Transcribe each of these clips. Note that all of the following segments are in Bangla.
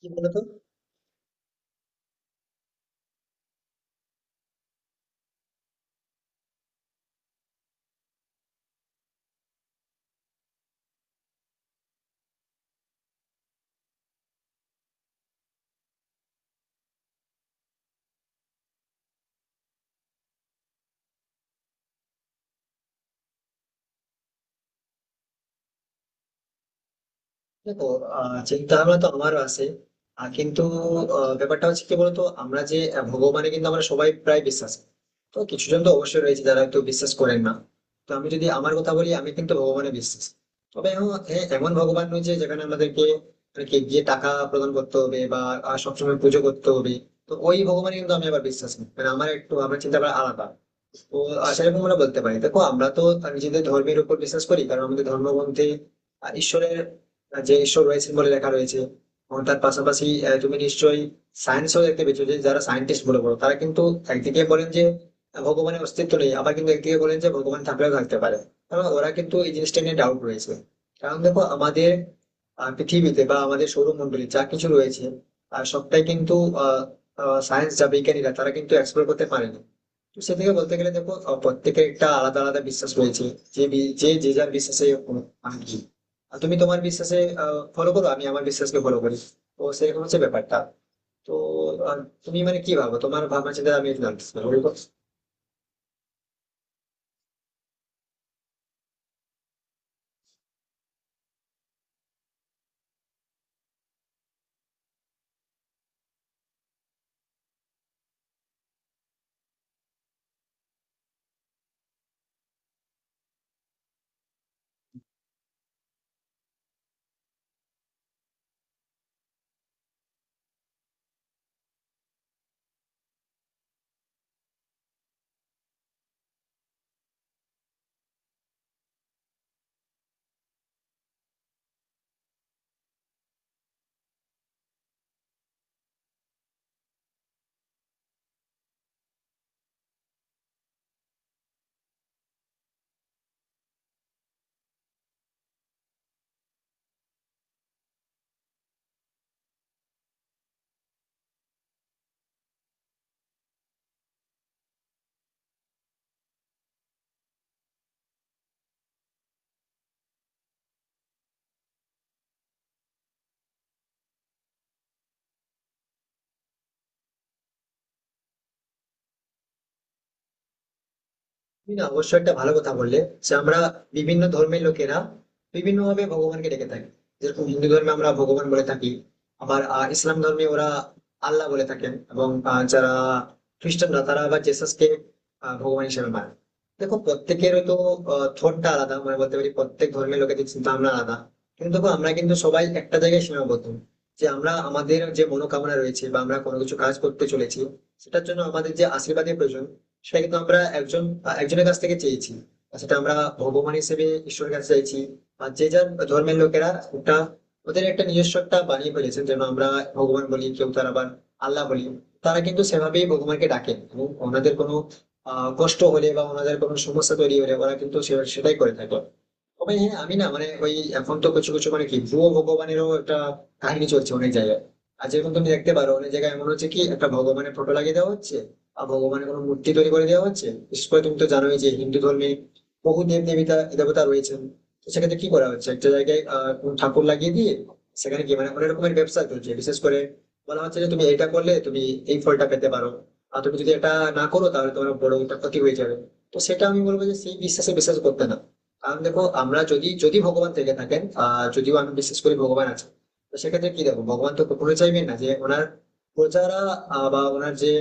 কি বলতো? দেখো, চিন্তাভাবনা তো আমারও আছে। কিন্তু ব্যাপারটা হচ্ছে কি বলতো, আমরা যে ভগবানে কিন্তু আমরা সবাই প্রায় বিশ্বাস করি। তো কিছু জন তো অবশ্যই রয়েছে যারা হয়তো বিশ্বাস করেন না। তো আমি যদি আমার কথা বলি, আমি কিন্তু ভগবানে বিশ্বাস। তবে হ্যাঁ হ্যাঁ, এমন ভগবান নয় যে যেখানে আমাদেরকে আর কি গিয়ে টাকা প্রদান করতে হবে বা সবসময় পুজো করতে হবে। তো ওই ভগবানে কিন্তু আমি আবার বিশ্বাস নেই, মানে আমার একটু আমার চিন্তা ভাবনা আলাদা। তো সেরকম আমরা বলতে পারি। দেখো, আমরা তো তার নিজেদের ধর্মের উপর বিশ্বাস করি কারণ আমাদের ধর্মগ্রন্থে ঈশ্বরের যে ঈশ্বর রয়েছেন বলে লেখা রয়েছে। এবং তার পাশাপাশি তুমি নিশ্চয়ই সায়েন্সও দেখতে পেয়েছো যে যারা সায়েন্টিস্ট বলে বলো তারা কিন্তু একদিকে বলেন যে ভগবানের অস্তিত্ব নেই, আবার কিন্তু একদিকে বলেন যে ভগবান থাকলেও থাকতে পারে। কারণ ওরা কিন্তু এই জিনিসটা নিয়ে ডাউট রয়েছে। কারণ দেখো আমাদের পৃথিবীতে বা আমাদের সৌরমণ্ডলে যা কিছু রয়েছে আর সবটাই কিন্তু আহ সায়েন্স যা বিজ্ঞানীরা তারা কিন্তু এক্সপ্লোর করতে পারেনি। সেদিকে বলতে গেলে দেখো, প্রত্যেকের একটা আলাদা আলাদা বিশ্বাস রয়েছে। যে যে যে যার বিশ্বাসে আমি কি, আর তুমি তোমার বিশ্বাসে ফলো করো, আমি আমার বিশ্বাসকে ফলো করি। তো সেরকম হচ্ছে ব্যাপারটা। তো আহ, তুমি মানে কি ভাবো, তোমার ভাবনা চিন্তা আমি জানতে চাই, বলো তো। তুমি না অবশ্যই একটা ভালো কথা বললে যে আমরা বিভিন্ন ধর্মের লোকেরা বিভিন্ন ভাবে ভগবানকে ডেকে থাকি। যেরকম হিন্দু ধর্মে আমরা ভগবান বলে থাকি, আবার ইসলাম ধর্মে ওরা আল্লাহ বলে থাকেন, এবং যারা খ্রিস্টানরা তারা আবার জেসাসকে ভগবান হিসেবে মানে। দেখো প্রত্যেকের তো থটটা আলাদা, মানে বলতে পারি প্রত্যেক ধর্মের লোকেদের চিন্তা ভাবনা আলাদা। কিন্তু দেখো আমরা কিন্তু সবাই একটা জায়গায় সীমাবদ্ধ, যে আমরা আমাদের যে মনোকামনা রয়েছে বা আমরা কোনো কিছু কাজ করতে চলেছি, সেটার জন্য আমাদের যে আশীর্বাদের প্রয়োজন, সেটা কিন্তু আমরা একজন একজনের কাছ থেকে চেয়েছি। আর সেটা আমরা ভগবান হিসেবে ঈশ্বরের কাছে চাইছি। আর যে যার ধর্মের লোকেরা ওটা ওদের একটা নিজস্ব একটা বানিয়ে ফেলেছেন যেন আমরা ভগবান বলি, কেউ তার আবার আল্লাহ বলি। তারা কিন্তু সেভাবেই ভগবানকে ডাকেন, এবং ওনাদের কোনো কষ্ট হলে বা ওনাদের কোনো সমস্যা তৈরি হলে ওরা কিন্তু সেটাই করে থাকে। তবে হ্যাঁ আমি না, মানে ওই এখন তো কিছু কিছু মানে কি ভুয়ো ভগবানেরও একটা কাহিনী চলছে অনেক জায়গায়। আর যেরকম তুমি দেখতে পারো অনেক জায়গায় এমন হচ্ছে কি একটা ভগবানের ফটো লাগিয়ে দেওয়া হচ্ছে, আর ভগবানের কোনো মূর্তি তৈরি করে দেওয়া হচ্ছে। বিশেষ করে তুমি তো জানোই যে হিন্দু ধর্মে বহু দেব দেবতা দেবতা রয়েছেন। তো সেক্ষেত্রে কি করা হচ্ছে একটা জায়গায় কোনো ঠাকুর লাগিয়ে দিয়ে সেখানে কি মানে অনেক রকমের ব্যবসা চলছে। বিশেষ করে বলা হচ্ছে যে তুমি এটা করলে তুমি এই ফলটা পেতে পারো, আর তুমি যদি এটা না করো তাহলে তোমার বড় একটা ক্ষতি হয়ে যাবে। তো সেটা আমি বলবো যে সেই বিশ্বাসে বিশ্বাস করতে না। কারণ দেখো আমরা যদি যদি ভগবান থেকে থাকেন, যদিও আমি বিশ্বাস করি ভগবান আছে। তো সেক্ষেত্রে কি দেখো ভগবান তো কখনো চাইবেন না যে ওনার প্রজারা বা ওনার যে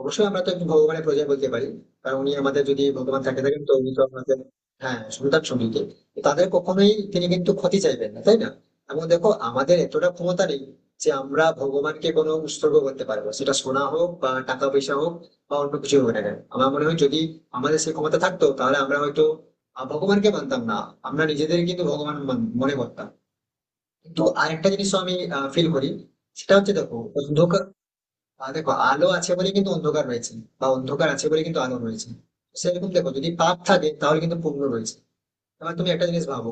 অবশ্যই আমরা তো একটু ভগবানের প্রজা বলতে পারি। কারণ উনি আমাদের যদি ভগবান থাকেন তো উনি তো আমাদের হ্যাঁ সন্তান সঙ্গীকে তাদের কখনোই তিনি কিন্তু ক্ষতি চাইবেন না, তাই না? এবং দেখো আমাদের এতটা ক্ষমতা নেই যে আমরা ভগবানকে কোনো উৎসর্গ করতে পারবো, সেটা সোনা হোক বা টাকা পয়সা হোক বা অন্য কিছু হোক না কেন। আমার মনে হয় যদি আমাদের সেই ক্ষমতা থাকতো তাহলে আমরা হয়তো ভগবানকে মানতাম না, আমরা নিজেদের কিন্তু ভগবান মনে করতাম। কিন্তু আরেকটা জিনিস আমি ফিল করি। সেটা হচ্ছে দেখো অন্ধকার, দেখো আলো আছে বলে কিন্তু অন্ধকার রয়েছে, বা অন্ধকার আছে বলে কিন্তু আলো রয়েছে। সেরকম দেখো যদি পাপ থাকে তাহলে কিন্তু পুণ্য রয়েছে। এবার তুমি একটা জিনিস ভাবো,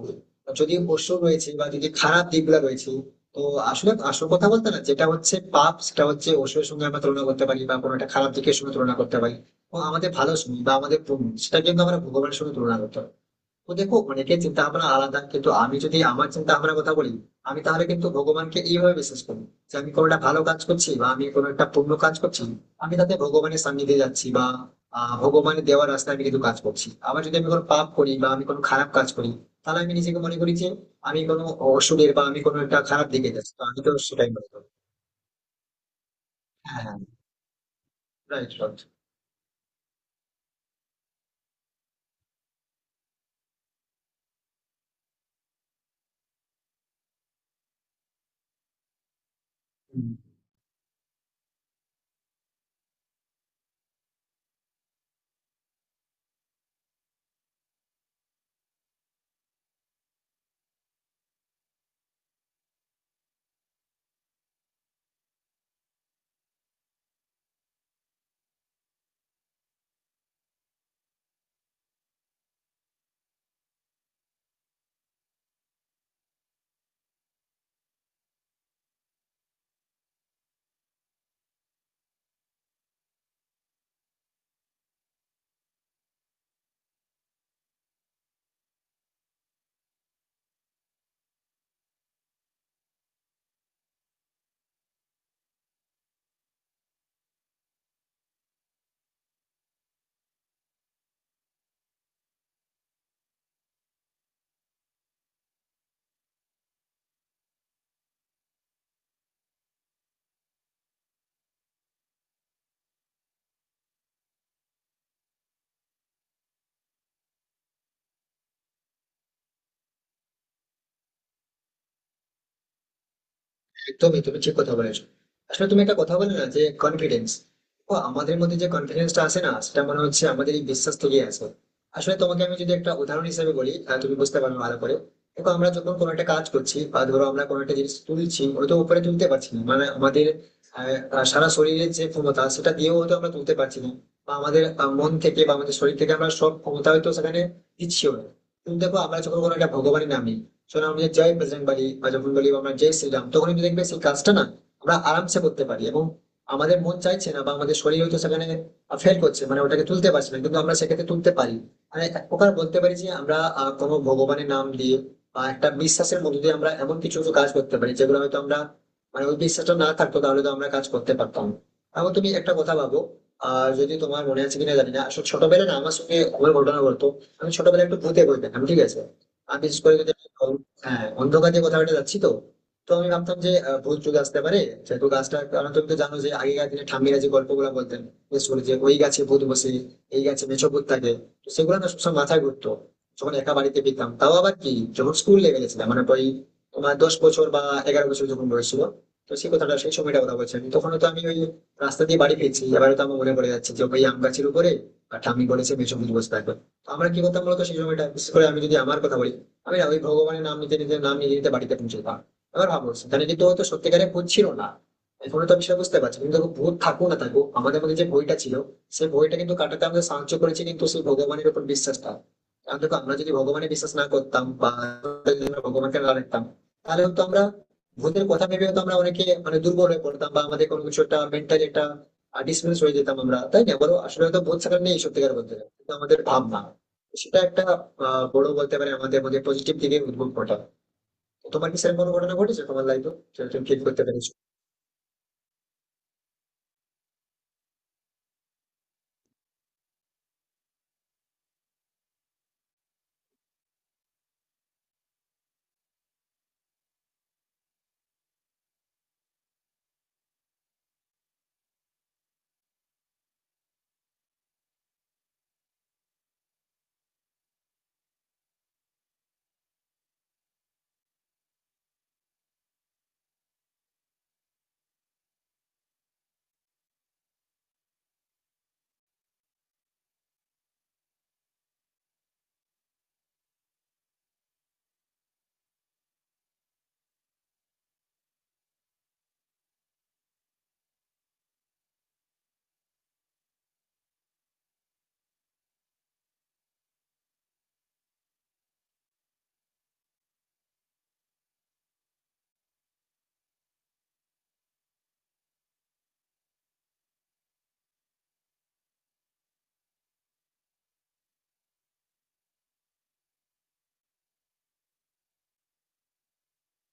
যদি অসুর রয়েছে বা যদি খারাপ দিকগুলো রয়েছে, তো আসলে আসল কথা বলতে না যেটা হচ্ছে পাপ সেটা হচ্ছে অসুরের সঙ্গে আমরা তুলনা করতে পারি বা কোনো একটা খারাপ দিকের সঙ্গে তুলনা করতে পারি। ও আমাদের ভালো সময় বা আমাদের পুণ্য, সেটা কিন্তু আমরা ভগবানের সঙ্গে তুলনা করতে পারি। তো দেখো অনেকের চিন্তা ভাবনা আলাদা, কিন্তু আমি যদি আমার চিন্তা ভাবনার কথা বলি, আমি তাহলে কিন্তু ভগবানকে এইভাবে বিশ্বাস করি যে আমি কোনো একটা ভালো কাজ করছি বা আমি কোনো একটা পুণ্য কাজ করছি, আমি তাতে ভগবানের সান্নিধ্যে যাচ্ছি বা ভগবানের দেওয়ার রাস্তায় আমি কিন্তু কাজ করছি। আবার যদি আমি কোনো পাপ করি বা আমি কোনো খারাপ কাজ করি, তাহলে আমি নিজেকে মনে করি যে আমি কোনো অসুরের বা আমি কোনো একটা খারাপ দিকে যাচ্ছি, তো আমি তো সেটাই মনে করি। হ্যাঁ, রাইট রাইট। একদমই তুমি ঠিক কথা বলেছো। আসলে তুমি একটা কথা বলে না যে কনফিডেন্স, ও আমাদের মধ্যে যে কনফিডেন্সটা আসে না সেটা মনে হচ্ছে আমাদের এই বিশ্বাস থেকেই আসে। আসলে তোমাকে আমি যদি একটা উদাহরণ হিসেবে বলি তুমি বুঝতে পারবে ভালো করে। দেখো আমরা যখন কোনো একটা কাজ করছি বা ধরো আমরা কোনো একটা জিনিস তুলছি, ওটা তো উপরে তুলতে পারছি না, মানে আমাদের আহ, আহ, সারা শরীরের যে ক্ষমতা সেটা দিয়েও হয়তো আমরা তুলতে পারছি না, বা আমাদের মন থেকে বা আমাদের শরীর থেকে আমরা সব ক্ষমতা হয়তো সেখানে দিচ্ছিও না। কিন্তু দেখো আমরা যখন কোনো একটা ভগবানের নাম নিই, সোনা আমরা জয় প্রেসিডেন্ট বলি বা যখন বলি আমরা জয় শ্রীরাম, তখন কিন্তু দেখবে সেই কাজটা না আমরা আরামসে করতে পারি। এবং আমাদের মন চাইছে না বা আমাদের শরীর হয়তো সেখানে ফেল করছে, মানে ওটাকে তুলতে পারছে না, কিন্তু আমরা সেক্ষেত্রে তুলতে পারি। মানে এক প্রকার বলতে পারি যে আমরা কোনো ভগবানের নাম দিয়ে বা একটা বিশ্বাসের মধ্যে দিয়ে আমরা এমন কিছু কিছু কাজ করতে পারি যেগুলো হয়তো আমরা, মানে ওই বিশ্বাসটা না থাকতো তাহলে তো আমরা কাজ করতে পারতাম না। এখন তুমি একটা কথা ভাবো, যদি তোমার মনে আছে কিনা জানি না, আসলে ছোটবেলায় না আমার সঙ্গে আমার ঘটনা বলতো। আমি ছোটবেলায় একটু ভূতে বই পেতাম, ঠিক আছে? আমি বিশেষ করে যদি আমি হ্যাঁ অন্ধকার যে কথাটা যাচ্ছি তো। তো আমি ভাবতাম যে ভূত যুগ আসতে পারে, সেহেতু গাছটা, কারণ তুমি তো জানো যে আগেকার দিনে ঠাম্মিরা যে গল্পগুলো বলতেন, বিশেষ করে যে ওই গাছে ভূত বসে, এই গাছে মেছো ভূত থাকে। তো সেগুলো না সবসময় মাথায় ঘুরতো, যখন একা বাড়িতে পেতাম, তাও আবার কি, যখন স্কুল লেভেলে ছিলাম, মানে ওই তোমার 10 বছর বা 11 বছর যখন বয়স ছিল। তো সেই কথাটা সেই সময়টা কথা বলছি, আমি তখন তো আমি ওই রাস্তা দিয়ে বাড়ি ফিরছি, এবারে তো আমার মনে পড়ে যাচ্ছে যে ওই আম গাছের উপরে আর ঠাম্মি বলেছে মেছো ভূত বসে থাকবে। তো আমরা কি করতাম বলতো সেই সময়টা, বিশেষ করে আমি যদি আমার কথা বলি, আমি না ওই ভগবানের নাম নিতে নিতে নাম নিতে নিতে বাড়িতে পৌঁছেছিলাম। এবার ভাবো সেখানে কিন্তু হয়তো সত্যিকারে ভূত ছিল না, এখনো তো আমি সেটা বুঝতে পারছি, কিন্তু দেখো, ভূত থাকুক না থাকুক আমাদের মধ্যে যে ভয়টা ছিল সেই ভয়টা কিন্তু কাটাতে আমাদের সাহায্য করেছে কিন্তু সেই ভগবানের উপর বিশ্বাসটা। কারণ দেখো আমরা যদি ভগবানে বিশ্বাস না করতাম বা যদি আমরা ভগবানকে না রাখতাম তাহলে হয়তো আমরা ভূতের কথা ভেবে হয়তো আমরা অনেকে মানে দুর্বল হয়ে পড়তাম বা আমাদের কোনো কিছু একটা মেন্টালি একটা ডিসমিস হয়ে যেতাম আমরা, তাই না বলো? আসলে হয়তো ভূত সেখানে নেই সত্যিকার বলতে গেলে। কিন্তু আমাদের ভাবনা সেটা একটা বড় বলতে পারে আমাদের মধ্যে পজিটিভ দিকে উদ্ভব ঘটা। তো তোমার কি সেরকম কোনো ঘটনা ঘটেছে তোমার লাইফে? তুমি ঠিক করতে পেরেছো।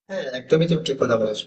হ্যাঁ, একদমই তুমি ঠিক কথা বলেছো।